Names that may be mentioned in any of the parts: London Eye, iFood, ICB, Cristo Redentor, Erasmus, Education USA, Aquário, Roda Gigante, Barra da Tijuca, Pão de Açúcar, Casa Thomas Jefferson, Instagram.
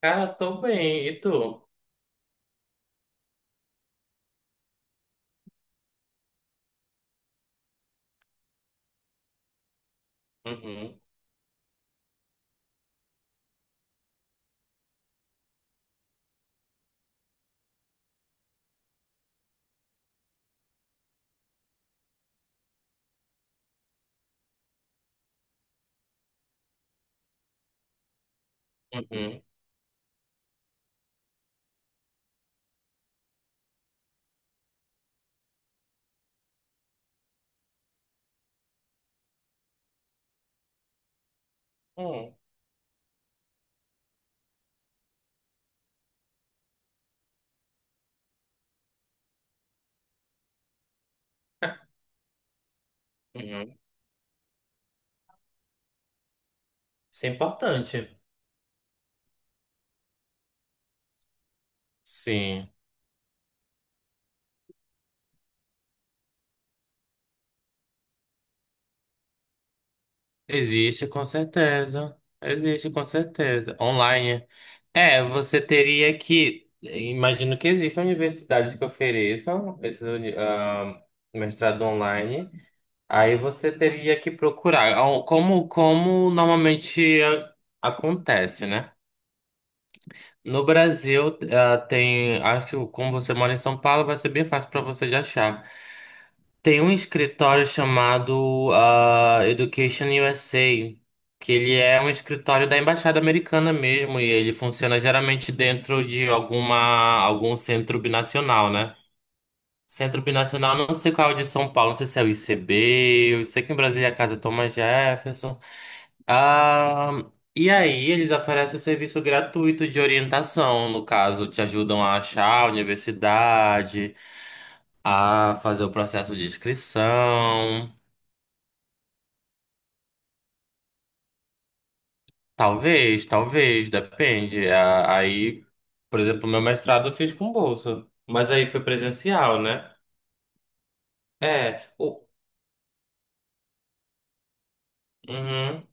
Cara, tô bem. E tu? Uhum, uhum, uhum, uhum. Isso é importante. Sim. Existe, com certeza. Existe, com certeza. Online. É, você teria que. Imagino que existam universidades que ofereçam esse mestrado online. Aí você teria que procurar. Como, como normalmente acontece, né? No Brasil, tem, acho que como você mora em São Paulo, vai ser bem fácil para você de achar. Tem um escritório chamado Education USA, que ele é um escritório da Embaixada Americana mesmo, e ele funciona geralmente dentro de algum centro binacional, né? Centro binacional, não sei qual é o de São Paulo, não sei se é o ICB, eu sei que em Brasília é a Casa Thomas Jefferson. Ah, e aí eles oferecem o serviço gratuito de orientação, no caso, te ajudam a achar a universidade, a fazer o processo de inscrição. Talvez, talvez, depende. Aí, por exemplo, meu mestrado eu fiz com bolsa, mas aí foi presencial, né? É, o- uhum,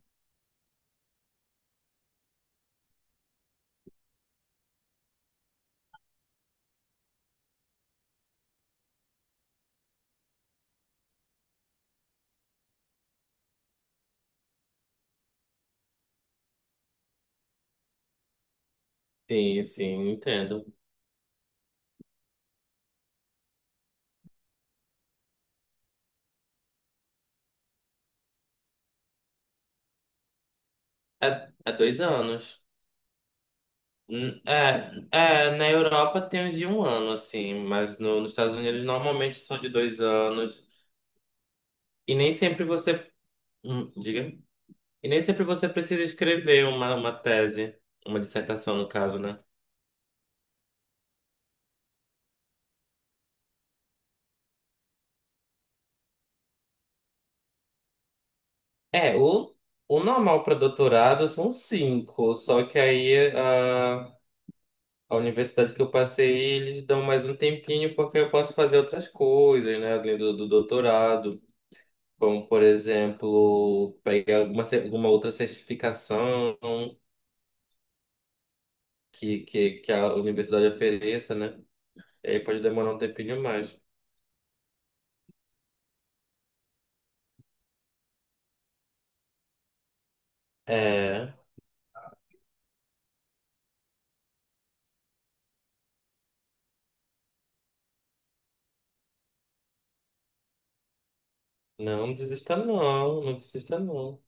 sim, sim, entendo. É, é 2 anos. É, é, na Europa tem uns de 1 ano, assim, mas nos Estados Unidos normalmente são de 2 anos. E nem sempre você. Hum, diga. E nem sempre você precisa escrever uma tese, uma dissertação, no caso, né? É, o, o normal para doutorado são cinco, só que a universidade que eu passei, eles dão mais um tempinho porque eu posso fazer outras coisas, né, além do doutorado. Como, por exemplo, pegar alguma outra certificação que a universidade ofereça, né? E aí pode demorar um tempinho mais. É, não desista não, não desista não.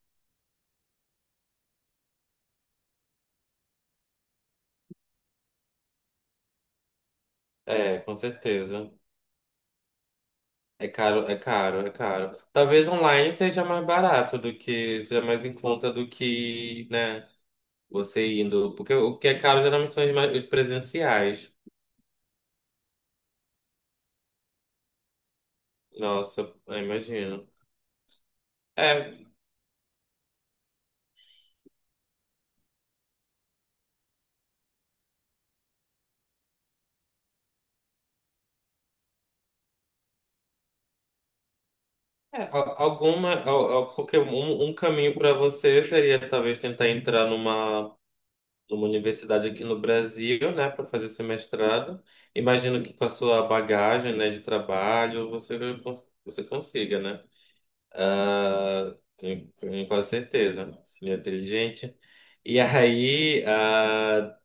É, com certeza. É caro, é caro, é caro. Talvez online seja mais barato do que, seja mais em conta do que, né, você indo. Porque o que é caro geralmente são os presenciais. Nossa, eu imagino. É, É, porque um, um caminho para você seria talvez tentar entrar numa, numa universidade aqui no Brasil, né, para fazer esse mestrado. Imagino que com a sua bagagem, né, de trabalho, você consiga, né? Ah, tenho, tenho quase certeza. Seria inteligente. E aí, ah,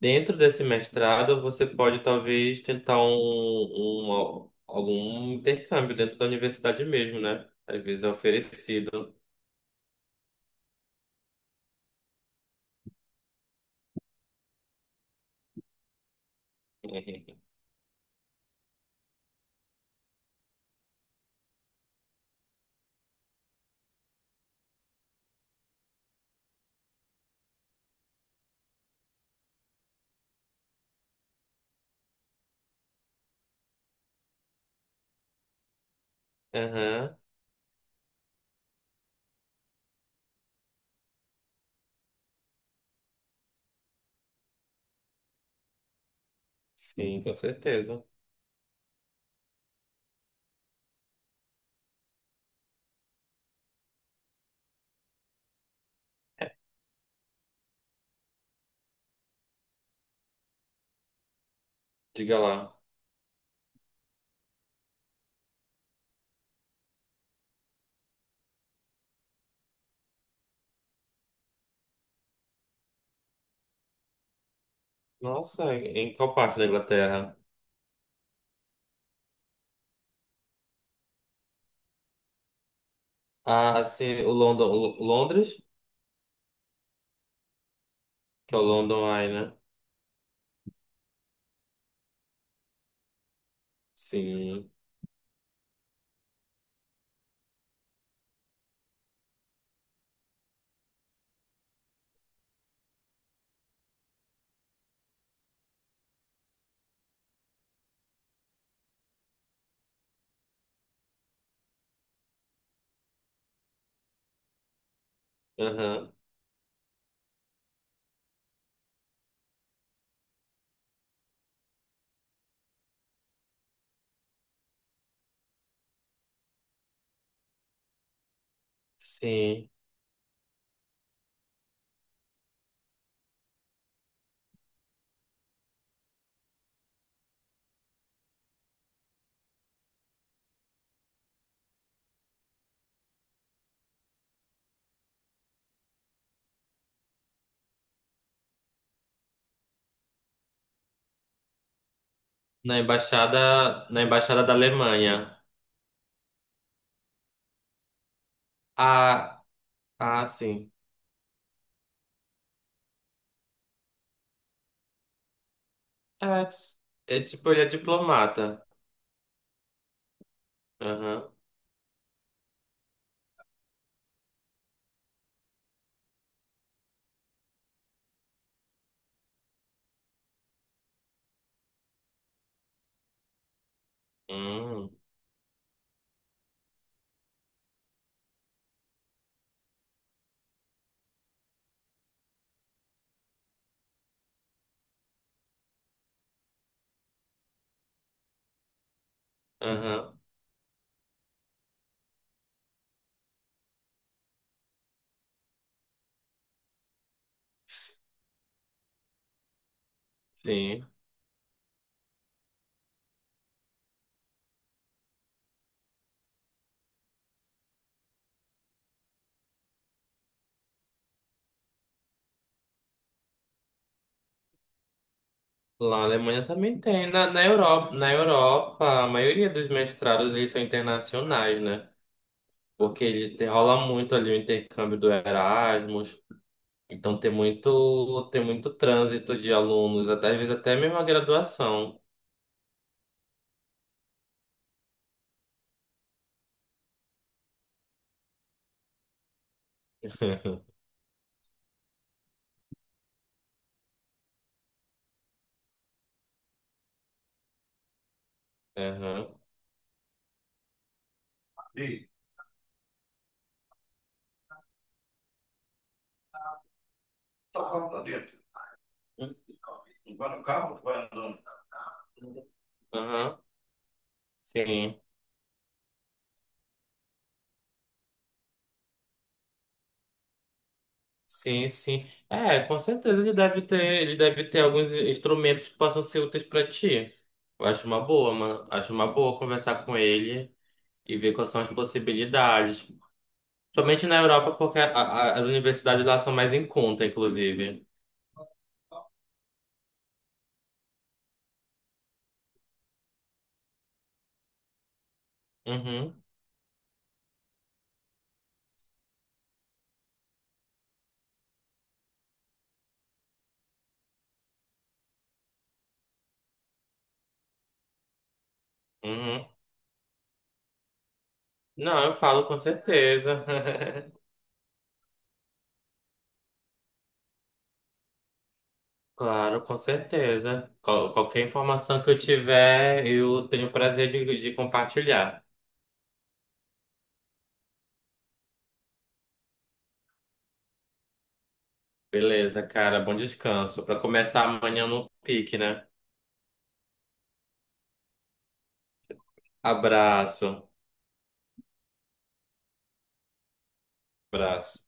Dentro desse mestrado, você pode talvez tentar algum intercâmbio dentro da universidade mesmo, né? Às vezes é oferecido. Aham, sim, com certeza. Diga lá. Nossa, em qual parte da Inglaterra? Ah, sim, o Londres, que é o London Eye, né? Sim. Aham, sim. Na embaixada da Alemanha. Ah, ah, sim. É, é tipo, ele é diplomata. Aham. Hum, aham. Sim. Lá na Alemanha também tem. Na, na Europa, a maioria dos mestrados eles são internacionais, né? Porque rola muito ali o intercâmbio do Erasmus, então tem muito trânsito de alunos, até, às vezes até mesmo a graduação. Aham. Aham. Sim. Sim, sim. É, com certeza ele deve ter alguns instrumentos que possam ser úteis para ti. Eu acho uma boa, mano. Acho uma boa conversar com ele e ver quais são as possibilidades. Somente na Europa, porque as universidades lá são mais em conta, inclusive. Uhum, uhum. Não, eu falo com certeza. Claro, com certeza. Qualquer informação que eu tiver, eu tenho o prazer de compartilhar. Beleza, cara, bom descanso. Para começar amanhã no pique, né? Abraço, abraço.